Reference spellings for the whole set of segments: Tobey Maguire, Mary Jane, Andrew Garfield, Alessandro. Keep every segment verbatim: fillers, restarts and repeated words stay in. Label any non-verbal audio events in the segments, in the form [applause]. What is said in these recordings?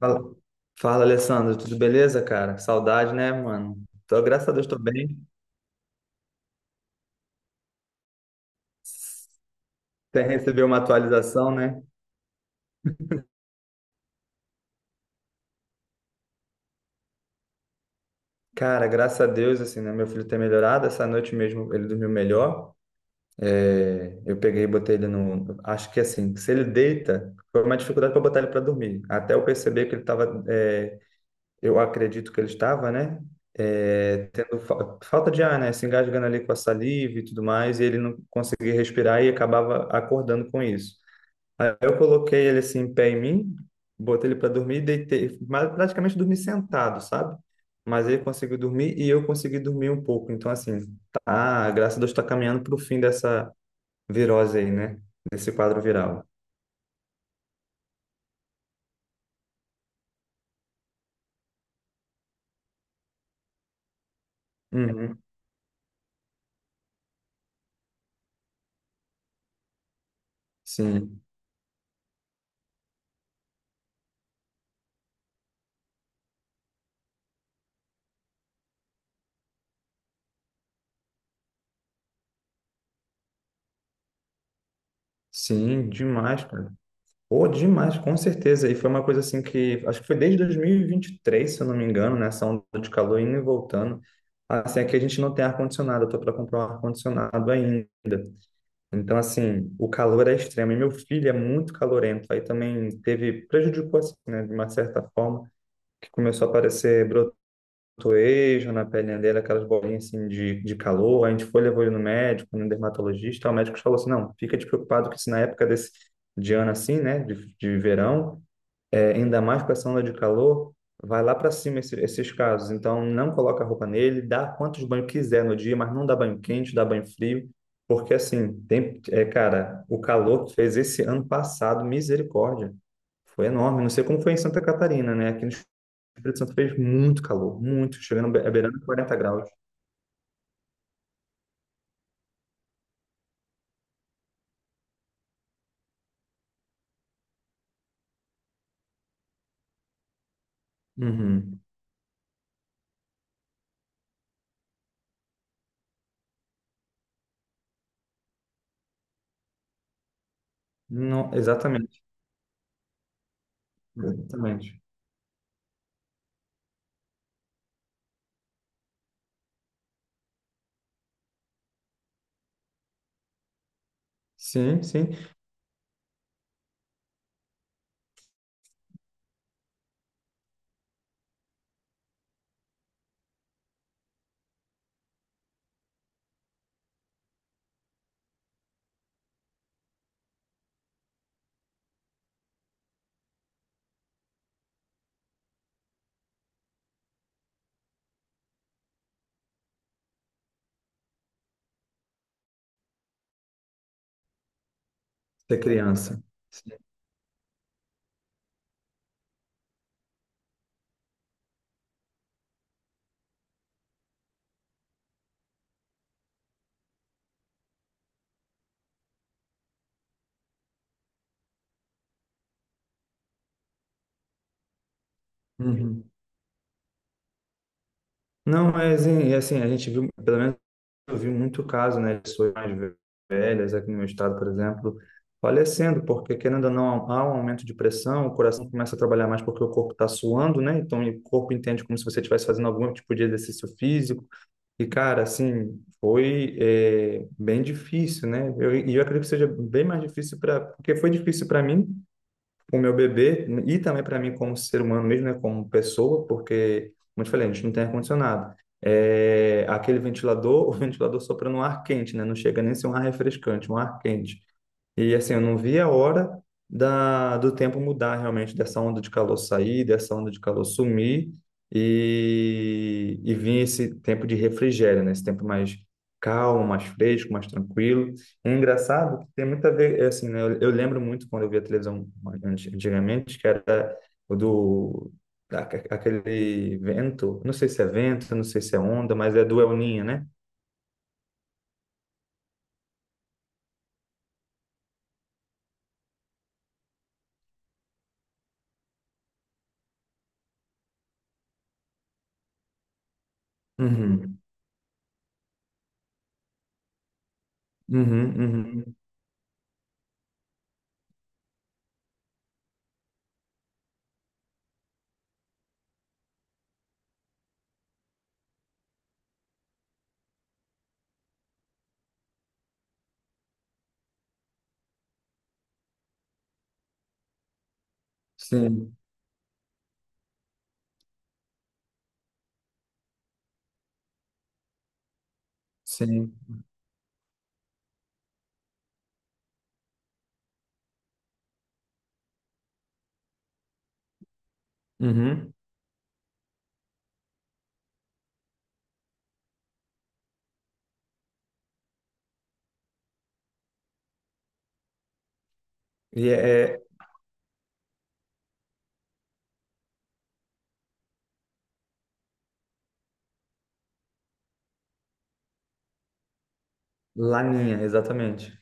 Fala, fala, Alessandro, tudo beleza, cara? Saudade, né, mano? Tô, graças a Deus, tô bem. Até receber uma atualização, né? Cara, graças a Deus, assim, né? Meu filho tem melhorado. Essa noite mesmo ele dormiu melhor. É, eu peguei e botei ele no. Acho que assim, se ele deita, foi uma dificuldade para botar ele para dormir. Até eu perceber que ele estava. Eu acredito que ele estava, né? é, tendo fa- falta de ar, né? Se engasgando ali com a saliva e tudo mais, e ele não conseguia respirar e acabava acordando com isso. Aí eu coloquei ele assim, em pé em mim, botei ele para dormir e deitei. Mas praticamente dormi sentado, sabe? Mas ele conseguiu dormir e eu consegui dormir um pouco. Então, assim, tá, graças a Deus está caminhando para o fim dessa virose aí, né? Desse quadro viral. Uhum. Sim, sim, demais, cara. Pô, demais, com certeza. E foi uma coisa assim que acho que foi desde dois mil e e vinte e três, se eu não me engano, né? Essa onda de calor indo e voltando. Assim, aqui a gente não tem ar-condicionado, eu tô para comprar um ar-condicionado ainda. Então, assim, o calor é extremo. E meu filho é muito calorento. Aí também teve, prejudicou, assim, né, de uma certa forma, que começou a aparecer brotoejo na pele dele, aquelas bolinhas, assim, de, de calor. A gente foi, levou ele no médico, no dermatologista. O médico falou assim, não, fica despreocupado que se na época desse, de ano, assim, né, de, de verão, é, ainda mais com essa onda de calor, vai lá para cima esse- esses casos. Então, não coloca a roupa nele, dá quantos banhos quiser no dia, mas não dá banho quente, dá banho frio, porque assim, tem, é, cara, o calor que fez esse ano passado, misericórdia, foi enorme. Não sei como foi em Santa Catarina, né? Aqui no Espírito Santo fez muito calor, muito, chegando a be- a beirando quarenta graus. Uhum. Não, exatamente, exatamente. Sim, sim, ser criança. Sim. Uhum. Não, mas e assim, a gente viu, pelo menos eu vi muito caso, né, de pessoas mais velhas aqui no meu estado, por exemplo, falecendo, porque querendo ou não, há um aumento de pressão, o coração começa a trabalhar mais porque o corpo está suando, né? Então o corpo entende como se você estivesse fazendo algum tipo de exercício físico. E, cara, assim, foi é, bem difícil, né? E Eu- eu, acredito que seja bem mais difícil para. Porque foi difícil para mim, o meu bebê e também para mim como ser humano mesmo, né, como pessoa, porque, como eu te falei, a gente não tem ar-condicionado. É, aquele ventilador, [laughs] o ventilador sopra no ar quente, né? Não chega nem a ser um ar refrescante, um ar quente. E assim, eu não vi a hora da, do tempo mudar realmente, dessa onda de calor sair, dessa onda de calor sumir e, e vir esse tempo de refrigério, né? Esse tempo mais calmo, mais fresco, mais tranquilo. É engraçado que tem muito a ver, é assim, né? Eu, eu lembro muito quando eu via televisão anti- antigamente, que era o do da- aquele vento, não sei se é vento, não sei se é onda, mas é do El Ninho, né? Uhum, uhum, uhum. Sim, sim. Uhum. E é é Laninha, exatamente.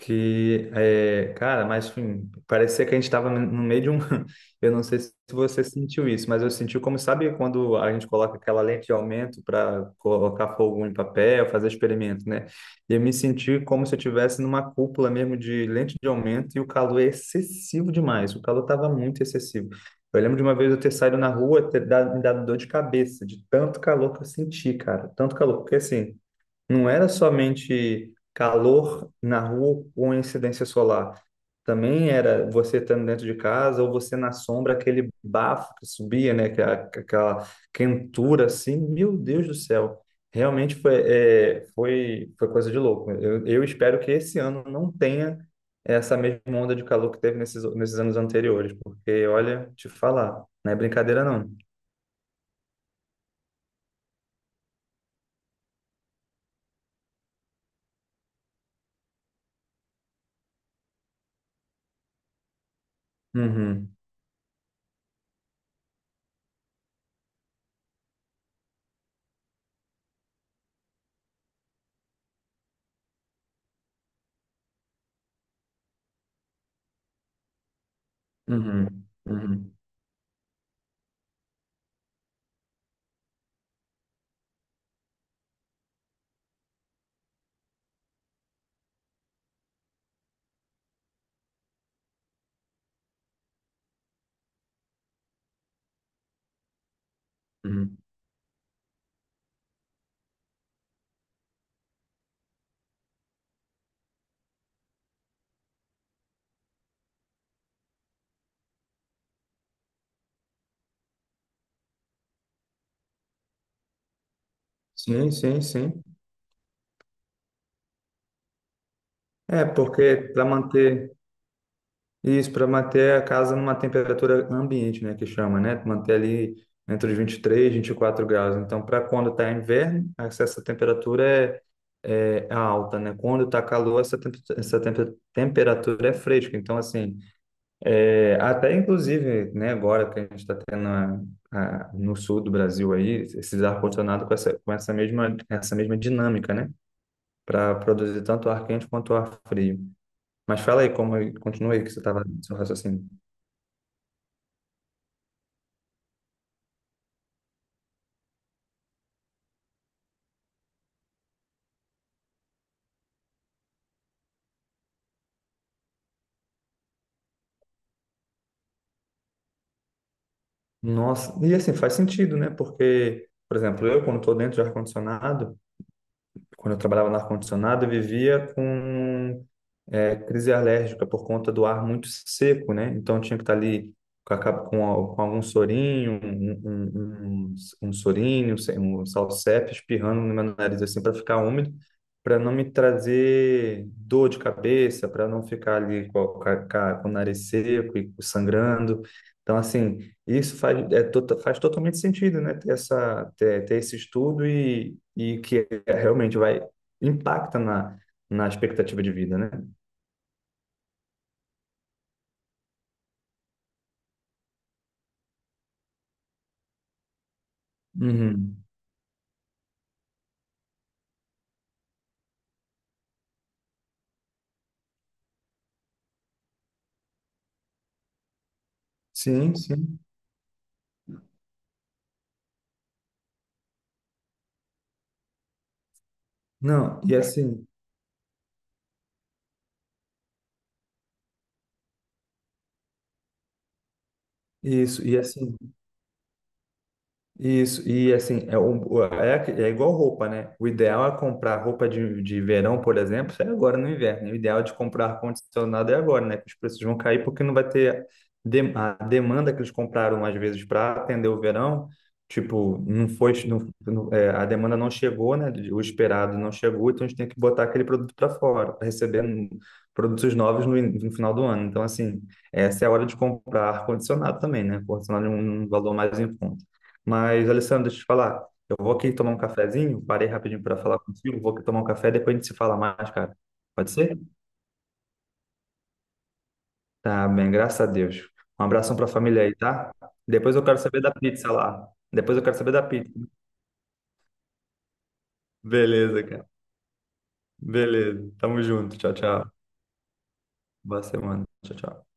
Que é, cara, mas enfim, parecia que a gente estava no meio de um. [laughs] Eu não sei se você sentiu isso, mas eu senti como, sabe, quando a gente coloca aquela lente de aumento para colocar fogo em papel, fazer experimento, né? E eu me senti como se eu estivesse numa cúpula mesmo de lente de aumento e o calor é excessivo demais. O calor estava muito excessivo. Eu lembro de uma vez eu ter saído na rua, ter dado, me dado dor de cabeça, de tanto calor que eu senti, cara. Tanto calor, porque assim. Não era somente calor na rua com incidência solar. Também era você estando dentro de casa ou você na sombra, aquele bafo que subia, né? que a- Aquela quentura assim. Meu Deus do céu. Realmente foi, é, foi, foi coisa de louco. Eu, eu espero que esse ano não tenha essa mesma onda de calor que teve nesses, nesses anos anteriores, porque, olha, te falar, não é brincadeira não. Uhum, uhum, uhum, uhum. Sim, sim, sim. É, porque para manter isso, para manter a casa numa temperatura ambiente, né, que chama, né? Manter ali entre os vinte e três, vinte e quatro graus. Então, para quando está inverno, essa essa temperatura é, é alta, né? Quando está calor, essa, temp essa temp temperatura é fresca. Então, assim, é, até inclusive, né, agora que a gente está tendo a, a, no sul do Brasil aí, esses ar-condicionado com essa, com essa mesma, essa mesma dinâmica, né? Para produzir tanto ar quente quanto ar frio. Mas fala aí como continua aí que você estava no seu raciocínio. Nossa, e assim faz sentido, né? Porque, por exemplo, eu quando estou dentro de ar-condicionado, quando eu trabalhava no ar-condicionado, eu vivia com é, crise alérgica por conta do ar muito seco, né? Então eu tinha que estar ali com, a capa- com a- com algum sorinho, um, um, um, um um sorinho, um salsepe espirrando no meu nariz assim para ficar úmido, para não me trazer dor de cabeça, para não ficar ali com, a- com a- com o nariz seco e sangrando. Então assim isso faz, é tota- faz totalmente sentido, né? Ter, essa, ter, ter esse estudo e, e que realmente vai impacta na, na expectativa de vida, né? Uhum. Sim, sim. Não, e assim, isso, e assim, Isso, e assim, é, um- é, é igual roupa, né? O ideal é comprar roupa de, de verão, por exemplo, é agora no inverno, né? O ideal de comprar ar-condicionado é agora, né? Que os preços vão cair porque não vai ter dem- a demanda que eles compraram, às vezes, para atender o verão. Tipo, não foi, não, não- é, a demanda não chegou, né? O esperado não chegou, então a gente tem que botar aquele produto para fora, para receber n- produtos novos no, in- no final do ano. Então, assim, essa é a hora de comprar ar-condicionado também, né? Ar-condicionado é um um valor mais em conta. Mas, Alessandro, deixa eu te falar. Eu vou aqui tomar um cafezinho, parei rapidinho para falar contigo, vou aqui tomar um café, depois a gente se fala mais, cara. Pode ser? Tá bem, graças a Deus. Um abração para a família aí, tá? Depois eu quero saber da pizza lá. Depois eu quero saber da pizza. Beleza, cara. Beleza. Tamo junto. Tchau, tchau. Boa semana. Tchau, tchau.